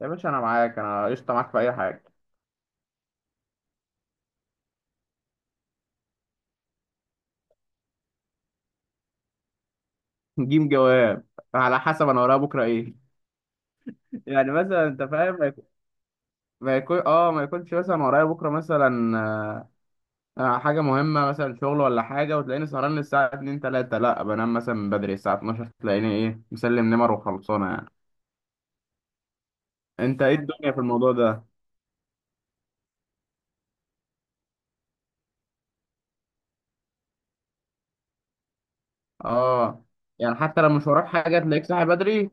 يا باشا انا معاك، انا قشطه معاك في اي حاجه. جيم جواب. على حسب انا ورايا بكره ايه. يعني مثلا انت فاهم ما يكون. ما يكونش مثلا ورايا بكره مثلا حاجه مهمه، مثلا شغل ولا حاجه، وتلاقيني سهران للساعه 2 3. لا بنام مثلا من بدري الساعه 12 تلاقيني ايه مسلم نمر وخلصانه يعني. انت ايه الدنيا في الموضوع ده؟ اه. يعني حتى لو مش وراك حاجه تلاقيك صاحي بدري.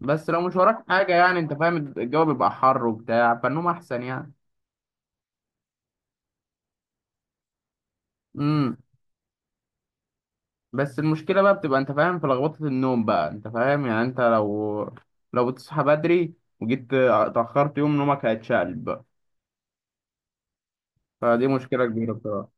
بس لو مش وراك حاجه، يعني انت فاهم، الجو بيبقى حر وبتاع فالنوم احسن يعني. بس المشكلة بقى بتبقى، انت فاهم، في لخبطة النوم بقى. انت فاهم يعني، انت لو بتصحى بدري وجيت اتأخرت يوم، نومك هيتشقلب بقى. فدي مشكلة كبيرة بصراحة.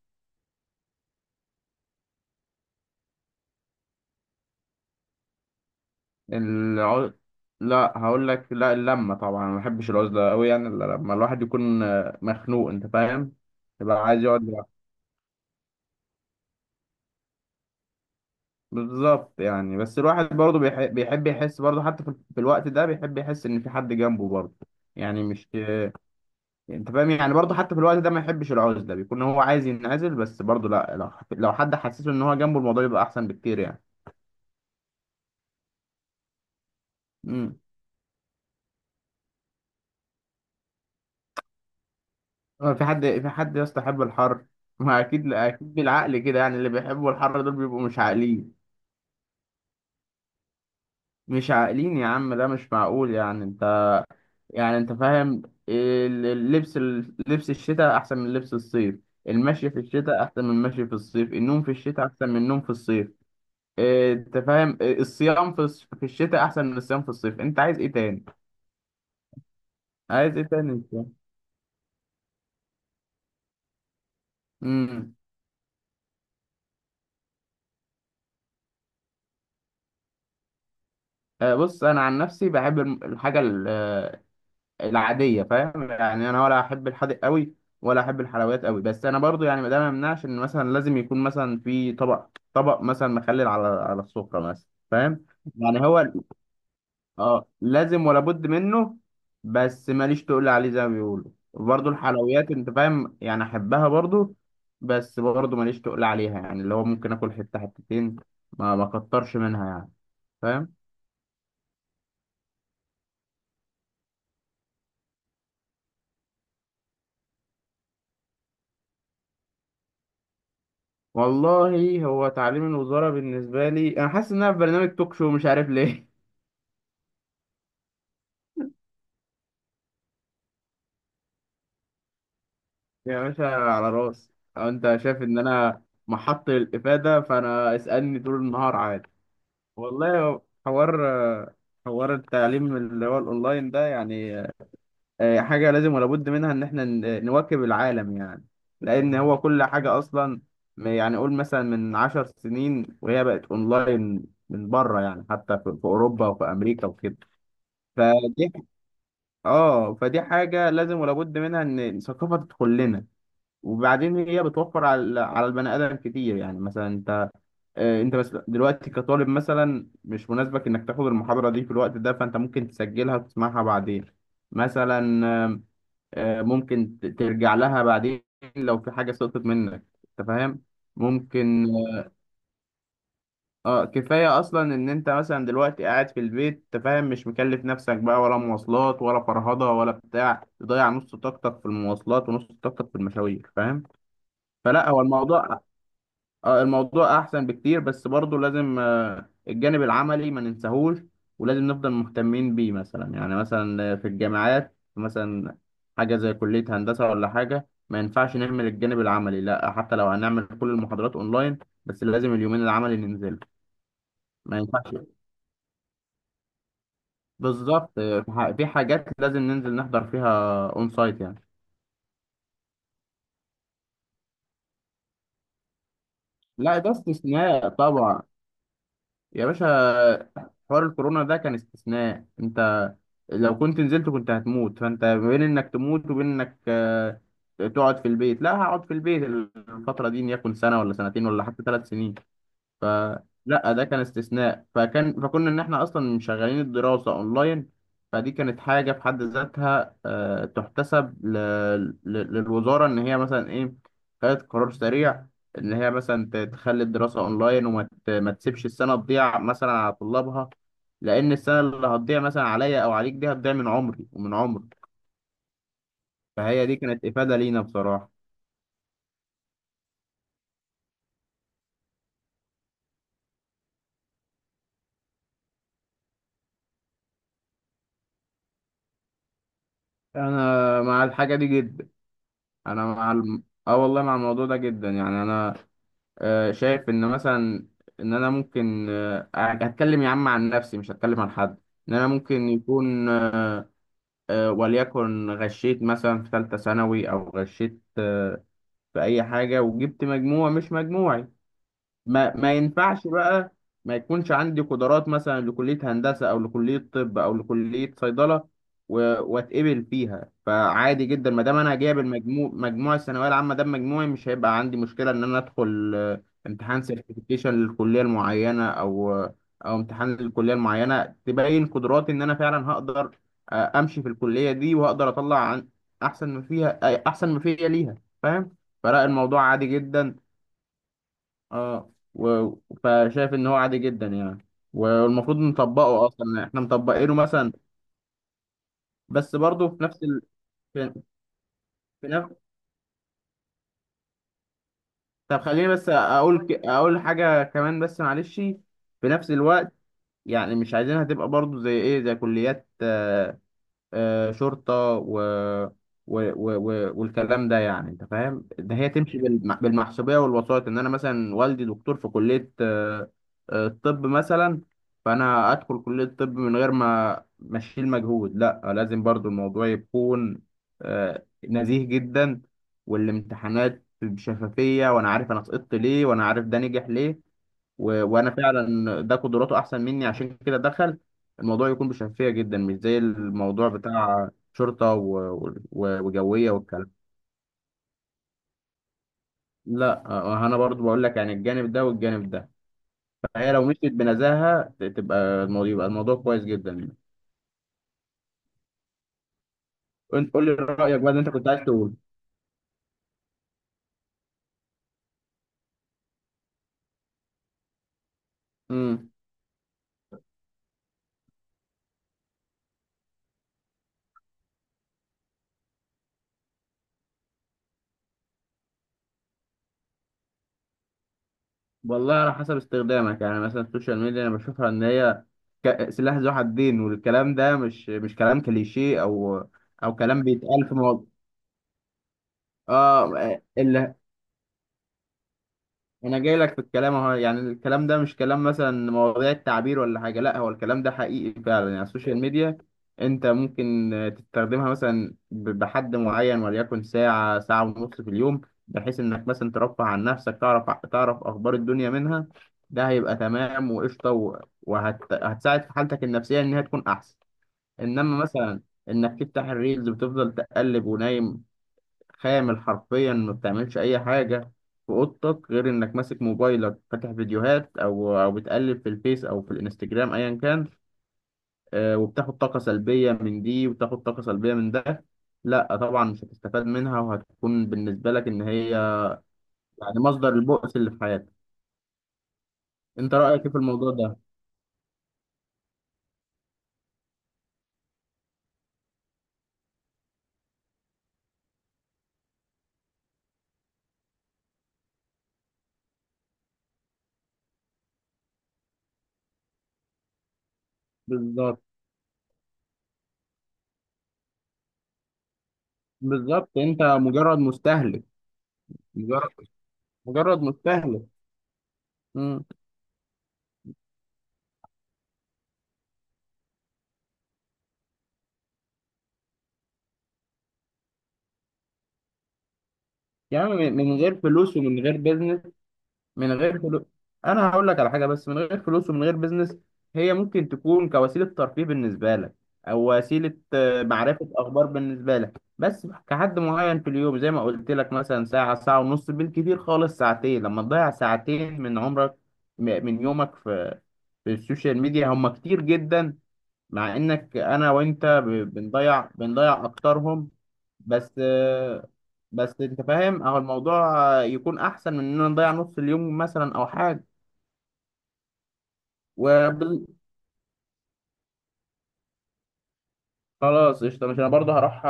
العز... لا هقول لك، لا اللمة طبعا، ما بحبش العزلة قوي يعني، إلا لما الواحد يكون مخنوق، انت فاهم، يبقى عايز يقعد لوحده. بالظبط، يعني بس الواحد برضه بيحب يحس برضه، حتى في الوقت ده بيحب يحس ان في حد جنبه برضه. يعني مش، انت فاهم، يعني برضه حتى في الوقت ده ما يحبش العزله، بيكون هو عايز ينعزل بس برضه. لا لو حد حسسه ان هو جنبه، الموضوع يبقى احسن بكتير يعني. امم في حد، في حد يستحب الحر؟ ما اكيد لا، اكيد بالعقل كده يعني، اللي بيحبوا الحر دول بيبقوا مش عاقلين. مش عاقلين يا عم، ده مش معقول يعني. انت، يعني انت فاهم، اللبس، لبس الشتاء احسن من لبس الصيف، المشي في الشتاء احسن من المشي في الصيف، النوم في الشتاء احسن من النوم في الصيف. انت فاهم، الصيام في في الشتاء احسن من الصيام في الصيف. انت عايز ايه تاني؟ عايز ايه تاني انت؟ امم بص انا عن نفسي بحب الحاجه العاديه، فاهم يعني، انا ولا احب الحادق قوي ولا احب الحلويات قوي. بس انا برضو يعني، ما ده ما يمنعش ان مثلا لازم يكون مثلا في طبق مثلا مخلل على السفره مثلا، فاهم يعني. هو اه لازم ولا بد منه. بس ماليش تقول عليه، زي ما بيقولوا برضه، الحلويات انت فاهم يعني احبها برضه، بس برضه ماليش تقول عليها، يعني اللي هو ممكن اكل حته حتتين، ما كترش منها يعني، فاهم. والله هو تعليم الوزاره بالنسبه لي، انا حاسس ان انا في برنامج توك شو مش عارف ليه. يا باشا على راسي. أو انت شايف ان انا محط الافاده فانا اسالني طول النهار عادي، والله. حوار، حوار التعليم اللي هو الاونلاين ده، يعني حاجة لازم ولا بد منها، إن إحنا نواكب العالم يعني. لأن هو كل حاجة أصلا، يعني قول مثلا من عشر سنين وهي بقت أونلاين من بره يعني، حتى في أوروبا وفي أمريكا وكده. فدي، فدي حاجة لازم ولا بد منها، إن الثقافة تدخل لنا. وبعدين هي بتوفر على البني آدم كتير، يعني مثلا أنت، أنت بس دلوقتي كطالب مثلا مش مناسبك إنك تاخد المحاضرة دي في الوقت ده، فأنت ممكن تسجلها وتسمعها بعدين مثلا. ممكن ترجع لها بعدين لو في حاجة سقطت منك، انت فاهم. ممكن. اه كفاية اصلا ان انت مثلا دلوقتي قاعد في البيت، انت فاهم، مش مكلف نفسك بقى ولا مواصلات ولا فرهضة ولا بتاع، تضيع نص طاقتك في المواصلات ونص طاقتك في المشاوير، فاهم. فلا هو الموضوع، الموضوع احسن بكتير. بس برضه لازم الجانب العملي ما ننساهوش، ولازم نفضل مهتمين بيه. مثلا يعني، مثلا في الجامعات مثلا، حاجه زي كليه هندسه ولا حاجه، ما ينفعش نهمل الجانب العملي. لا، حتى لو هنعمل كل المحاضرات اونلاين، بس لازم اليومين العملي ننزل. ما ينفعش. بالظبط، في في حاجات لازم ننزل نحضر فيها اون سايت يعني. لا ده استثناء طبعا يا باشا. حوار الكورونا ده كان استثناء. انت لو كنت نزلت كنت هتموت، فانت بين انك تموت وبين انك تقعد في البيت، لا هقعد في البيت الفترة دي، ان يكون سنة ولا سنتين ولا حتى ثلاث سنين. ف، لا ده كان استثناء، فكان، فكنا ان احنا اصلا مشغلين الدراسه اونلاين. فدي كانت حاجه في حد ذاتها تحتسب للوزاره، ان هي مثلا ايه، خدت قرار سريع ان هي مثلا تخلي الدراسه اونلاين، ما تسيبش السنه تضيع مثلا على طلابها، لان السنه اللي هتضيع مثلا عليا او عليك دي هتضيع من عمري ومن عمرك. فهي دي كانت افاده لينا بصراحه. انا مع الحاجه دي جدا. انا مع اه والله مع الموضوع ده جدا. يعني انا شايف ان مثلا، ان انا ممكن هتكلم يا عم عن نفسي مش هتكلم عن حد. ان انا ممكن يكون وليكن غشيت مثلا في ثالثة ثانوي، او غشيت في اي حاجة وجبت مجموع مش مجموعي، ما ينفعش بقى ما يكونش عندي قدرات مثلا لكلية هندسة أو لكلية طب أو لكلية صيدلة واتقبل فيها. فعادي جدا ما دام أنا جايب المجموع، مجموع الثانوية العامة ده مجموعي، مش هيبقى عندي مشكلة إن أنا أدخل امتحان سيرتيفيكيشن للكلية المعينة أو أو امتحان للكلية المعينة تبين قدراتي إن أنا فعلا هقدر أمشي في الكلية دي وهقدر أطلع عن أحسن ما فيها، أحسن ما فيها ليها، فاهم. فلا الموضوع عادي جدا. اه فشايف ان هو عادي جدا يعني. والمفروض نطبقه اصلا، يعني احنا مطبقينه مثلا. بس برضه في نفس ال... في... في نفس. طب خليني بس اقول اقول حاجه كمان بس معلش، في نفس الوقت. يعني مش عايزينها تبقى برضه زي ايه، زي كليات شرطة والكلام ده، يعني انت فاهم، ان هي تمشي بالمحسوبية والوسائط، ان انا مثلا والدي دكتور في كلية الطب مثلا، فانا ادخل كلية الطب من غير ما، اشيل مجهود. لا لازم برضو الموضوع يكون نزيه جدا، والامتحانات بشفافية، وانا عارف انا سقطت ليه، وانا عارف ده نجح ليه وانا فعلا ده قدراته احسن مني عشان كده دخل. الموضوع يكون بشفافيه جدا، مش زي الموضوع بتاع شرطه وجويه والكلام. لا انا برضو بقول لك يعني، الجانب ده والجانب ده. فهي لو مشيت بنزاهه تبقى الموضوع، يبقى الموضوع كويس جدا. انت قول لي رايك بقى اللي انت كنت عايز تقول. امم والله على حسب استخدامك. يعني مثلا السوشيال ميديا انا بشوفها ان هي سلاح ذو حدين، والكلام ده مش كلام كليشيه او او كلام بيتقال في مواضيع. اه انا جاي لك في الكلام اهو، يعني الكلام ده مش كلام مثلا مواضيع التعبير ولا حاجه، لا هو الكلام ده حقيقي فعلا. يعني السوشيال ميديا انت ممكن تستخدمها مثلا بحد معين، وليكن ساعه ساعه ونص في اليوم، بحيث انك مثلا ترفه عن نفسك، تعرف، تعرف اخبار الدنيا منها. ده هيبقى تمام وقشطه هتساعد في حالتك النفسيه ان هي تكون احسن. انما مثلا انك تفتح الريلز وتفضل تقلب ونايم، خامل حرفيا ما بتعملش اي حاجه في اوضتك غير انك ماسك موبايلك، فاتح فيديوهات او او بتقلب في الفيس او في الانستجرام ايا كان، وبتاخد طاقه سلبيه من دي وبتاخد طاقه سلبيه من ده، لا طبعا مش هتستفاد منها، وهتكون بالنسبه لك ان هي يعني مصدر البؤس اللي في حياتك. انت رايك ايه في الموضوع ده؟ بالظبط. بالظبط انت مجرد مستهلك. مجرد، مجرد مستهلك. مم. يعني من غير فلوس ومن غير بيزنس. من غير فلوس. انا هقول لك على حاجه، بس من غير فلوس ومن غير بيزنس. هي ممكن تكون كوسيله ترفيه بالنسبه لك، او وسيله معرفه اخبار بالنسبه لك، بس كحد معين في اليوم زي ما قلت لك، مثلا ساعه ساعه ونص، بالكثير خالص ساعتين. لما تضيع ساعتين من عمرك، من يومك، في في السوشيال ميديا هم كتير جدا. مع انك انا وانت بنضيع اكترهم، بس بس انت فاهم اهو، الموضوع يكون احسن من ان انا نضيع نص اليوم مثلا او حاجه. وبال... خلاص قشطه، مش انا برضه هروح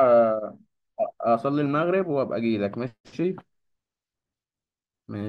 اصلي المغرب وابقى اجي لك ماشي. ماشي.